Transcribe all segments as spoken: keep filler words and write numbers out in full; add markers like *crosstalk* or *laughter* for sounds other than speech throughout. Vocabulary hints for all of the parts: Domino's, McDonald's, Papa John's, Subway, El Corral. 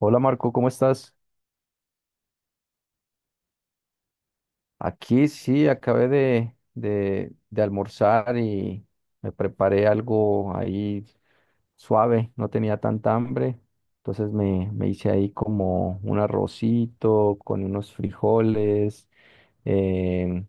Hola Marco, ¿cómo estás? Aquí sí, acabé de, de, de almorzar y me preparé algo ahí suave, no tenía tanta hambre, entonces me, me hice ahí como un arrocito con unos frijoles, em,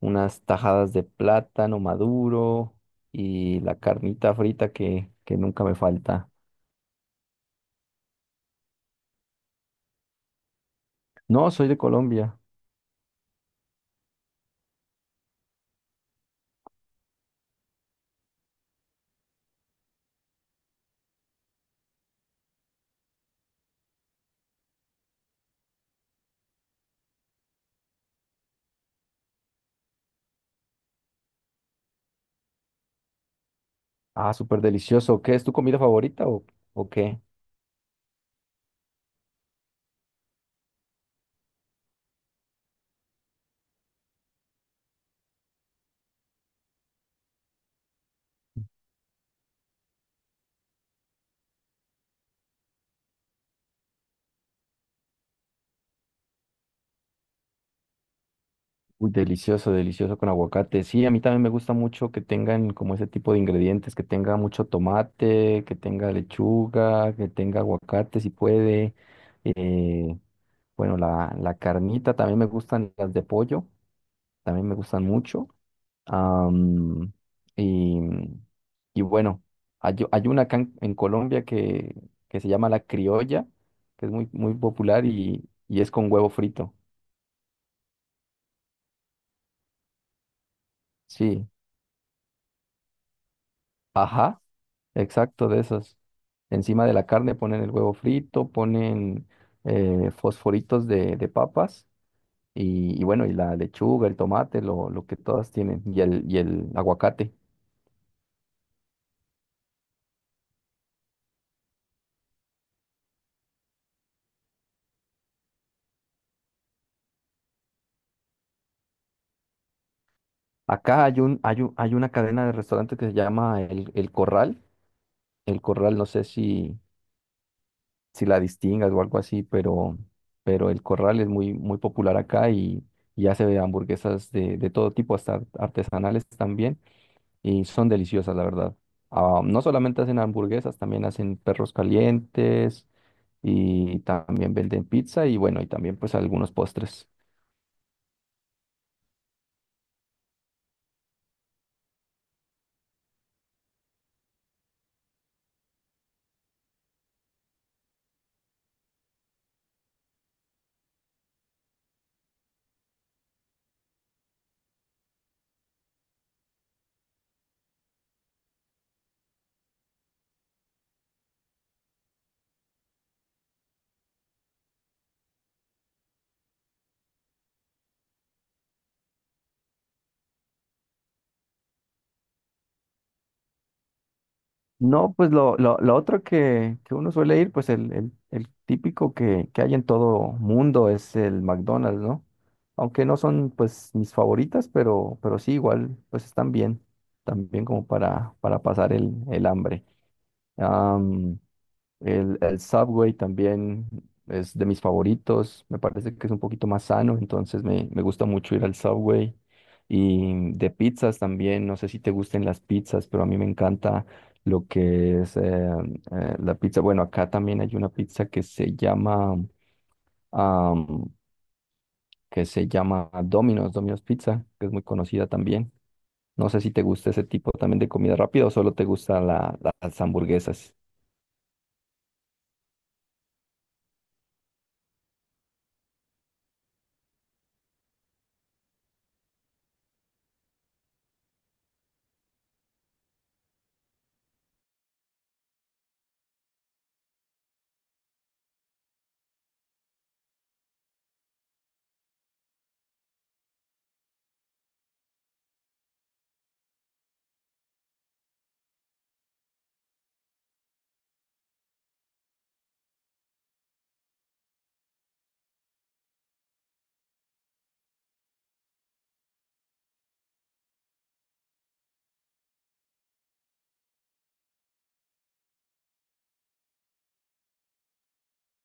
unas tajadas de plátano maduro y la carnita frita que, que nunca me falta. No, soy de Colombia. Ah, súper delicioso. ¿Qué es tu comida favorita o, o qué? Uy, delicioso, delicioso con aguacate. Sí, a mí también me gusta mucho que tengan como ese tipo de ingredientes, que tenga mucho tomate, que tenga lechuga, que tenga aguacate si puede. eh, bueno, la, la carnita, también me gustan las de pollo, también me gustan mucho. am, y, y bueno, hay, hay una acá en, en Colombia que, que se llama la criolla, que es muy, muy popular y, y es con huevo frito. Sí, ajá. Exacto, de esas. Encima de la carne ponen el huevo frito, ponen eh, fosforitos de, de papas y, y bueno, y la lechuga, el tomate, lo, lo que todas tienen, y el, y el aguacate. Acá hay un, hay un- hay una cadena de restaurantes que se llama El, El Corral. El Corral, no sé si, si la distingas o algo así, pero, pero El Corral es muy, muy popular acá y, y hace hamburguesas de, de todo tipo, hasta artesanales también. Y son deliciosas, la verdad. Ah, no solamente hacen hamburguesas, también hacen perros calientes y también venden pizza y bueno, y también pues algunos postres. No, pues lo, lo, lo otro que, que uno suele ir, pues el, el, el típico que, que hay en todo mundo es el McDonald's, ¿no? Aunque no son pues mis favoritas, pero, pero sí, igual pues están bien, también como para, para pasar el, el hambre. Am, el, el Subway también es de mis favoritos. Me parece que es un poquito más sano, entonces me, me gusta mucho ir al Subway. Y de pizzas también, no sé si te gusten las pizzas, pero a mí me encanta lo que es eh, eh, la pizza. Bueno, acá también hay una pizza que se llama, am, que se llama Domino's, Domino's Pizza, que es muy conocida también. No sé si te gusta ese tipo también de comida rápida o solo te gustan la- las hamburguesas.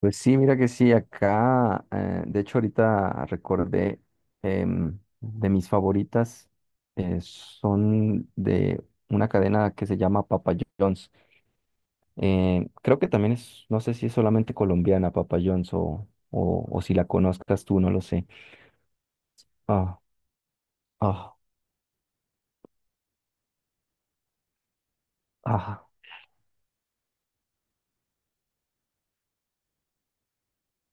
Pues sí, mira que sí, acá, eh, de hecho ahorita recordé em, de mis favoritas, eh, son de una cadena que se llama Papa John's. Eh, creo que también es, no sé si es solamente colombiana Papa John's o, o, o si la conozcas tú, no lo sé. Ah, ah, ah.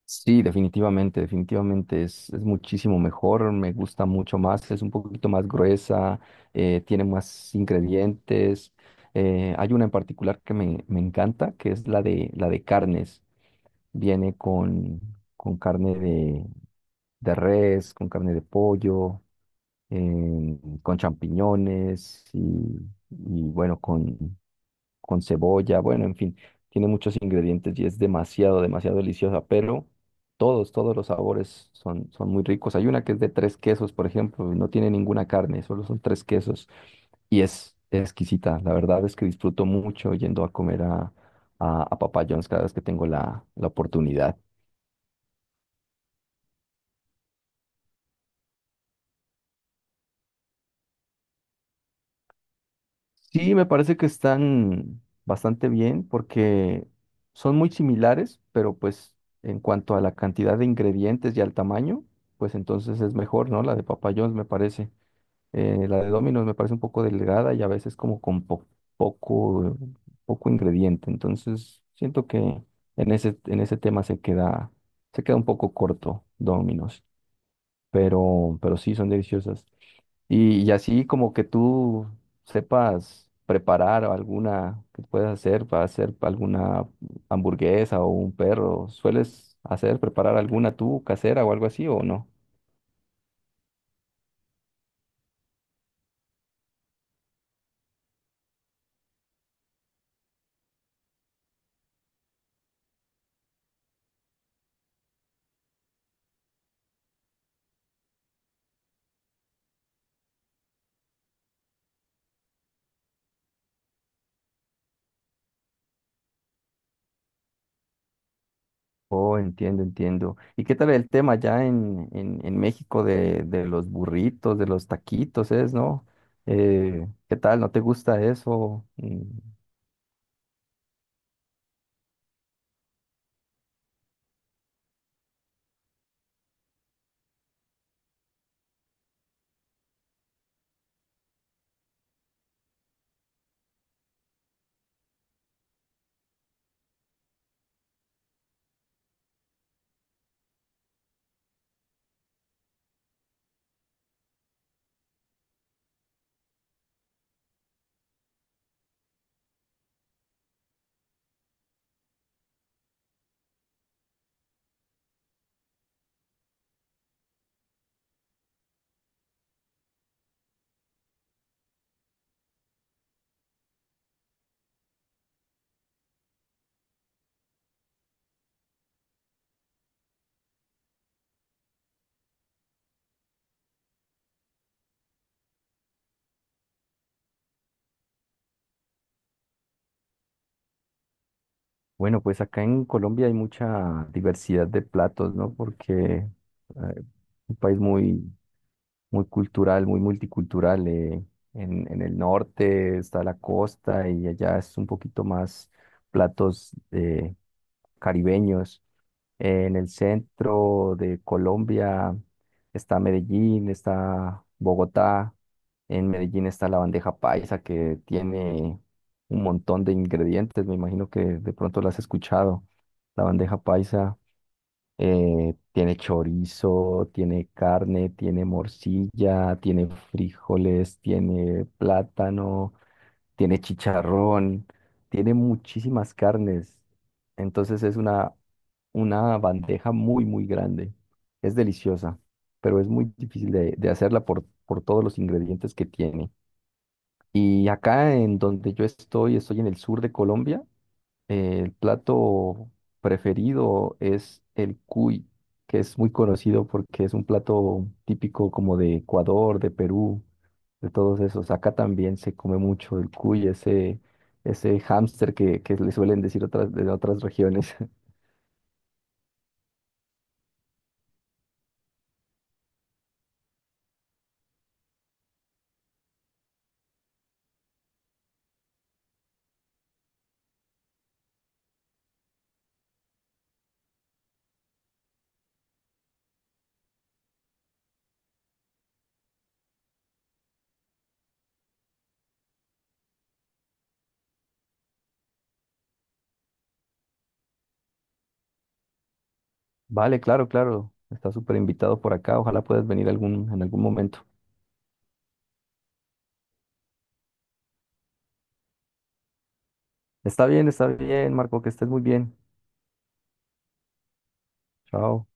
Sí, definitivamente, definitivamente es, es muchísimo mejor, me gusta mucho más, es un poquito más gruesa, eh, tiene más ingredientes. Eh, hay una en particular que me, me encanta, que es la de, la de carnes. Viene con, con carne de, de res, con carne de pollo, em, con champiñones y, y bueno, con, con cebolla, bueno, en fin, tiene muchos ingredientes y es demasiado, demasiado deliciosa, pero todos, todos los sabores son, son muy ricos. Hay una que es de tres quesos, por ejemplo, y no tiene ninguna carne, solo son tres quesos y es exquisita. La verdad es que disfruto mucho yendo a comer a, a, a Papa John's cada vez que tengo la, la oportunidad. Sí, me parece que están bastante bien porque son muy similares, pero pues en cuanto a la cantidad de ingredientes y al tamaño, pues entonces es mejor, ¿no? La de Papa John's me parece. Eh, la de Domino's me parece un poco delgada y a veces como con po- poco, poco ingrediente. Entonces siento que en ese, en ese tema se queda, se queda un poco corto Domino's, pero, pero sí son deliciosas. Y, y así como que tú sepas preparar alguna que puedas hacer para hacer alguna hamburguesa o un perro, ¿sueles hacer preparar alguna tú casera o algo así o no? Oh, entiendo, entiendo. ¿Y qué tal el tema ya en, en, en México de, de los burritos, de los taquitos, es, ¿no? Eh, ¿qué tal? ¿No te gusta eso? Mm. Bueno, pues acá en Colombia hay mucha diversidad de platos, ¿no? Porque eh, un país muy muy cultural, muy multicultural. eh, En, en el norte está la costa y allá es un poquito más platos eh, caribeños. En el centro de Colombia está Medellín, está Bogotá. En Medellín está la bandeja paisa que tiene un montón de ingredientes. Me imagino que de pronto la has escuchado. La bandeja paisa eh, tiene chorizo, tiene carne, tiene morcilla, tiene frijoles, tiene plátano, tiene chicharrón, tiene muchísimas carnes. Entonces es una, una bandeja muy, muy grande. Es deliciosa, pero es muy difícil de, de hacerla por, por todos los ingredientes que tiene. Y acá en donde yo estoy, estoy en el sur de Colombia. Eh, el plato preferido es el cuy, que es muy conocido porque es un plato típico como de Ecuador, de Perú, de todos esos. Acá también se come mucho el cuy, ese, ese hámster que, que le suelen decir otras, de otras regiones. *laughs* Vale, claro, claro. Estás súper invitado por acá. Ojalá puedas venir algún, en algún momento. Está bien, está bien, Marco, que estés muy bien. Chao.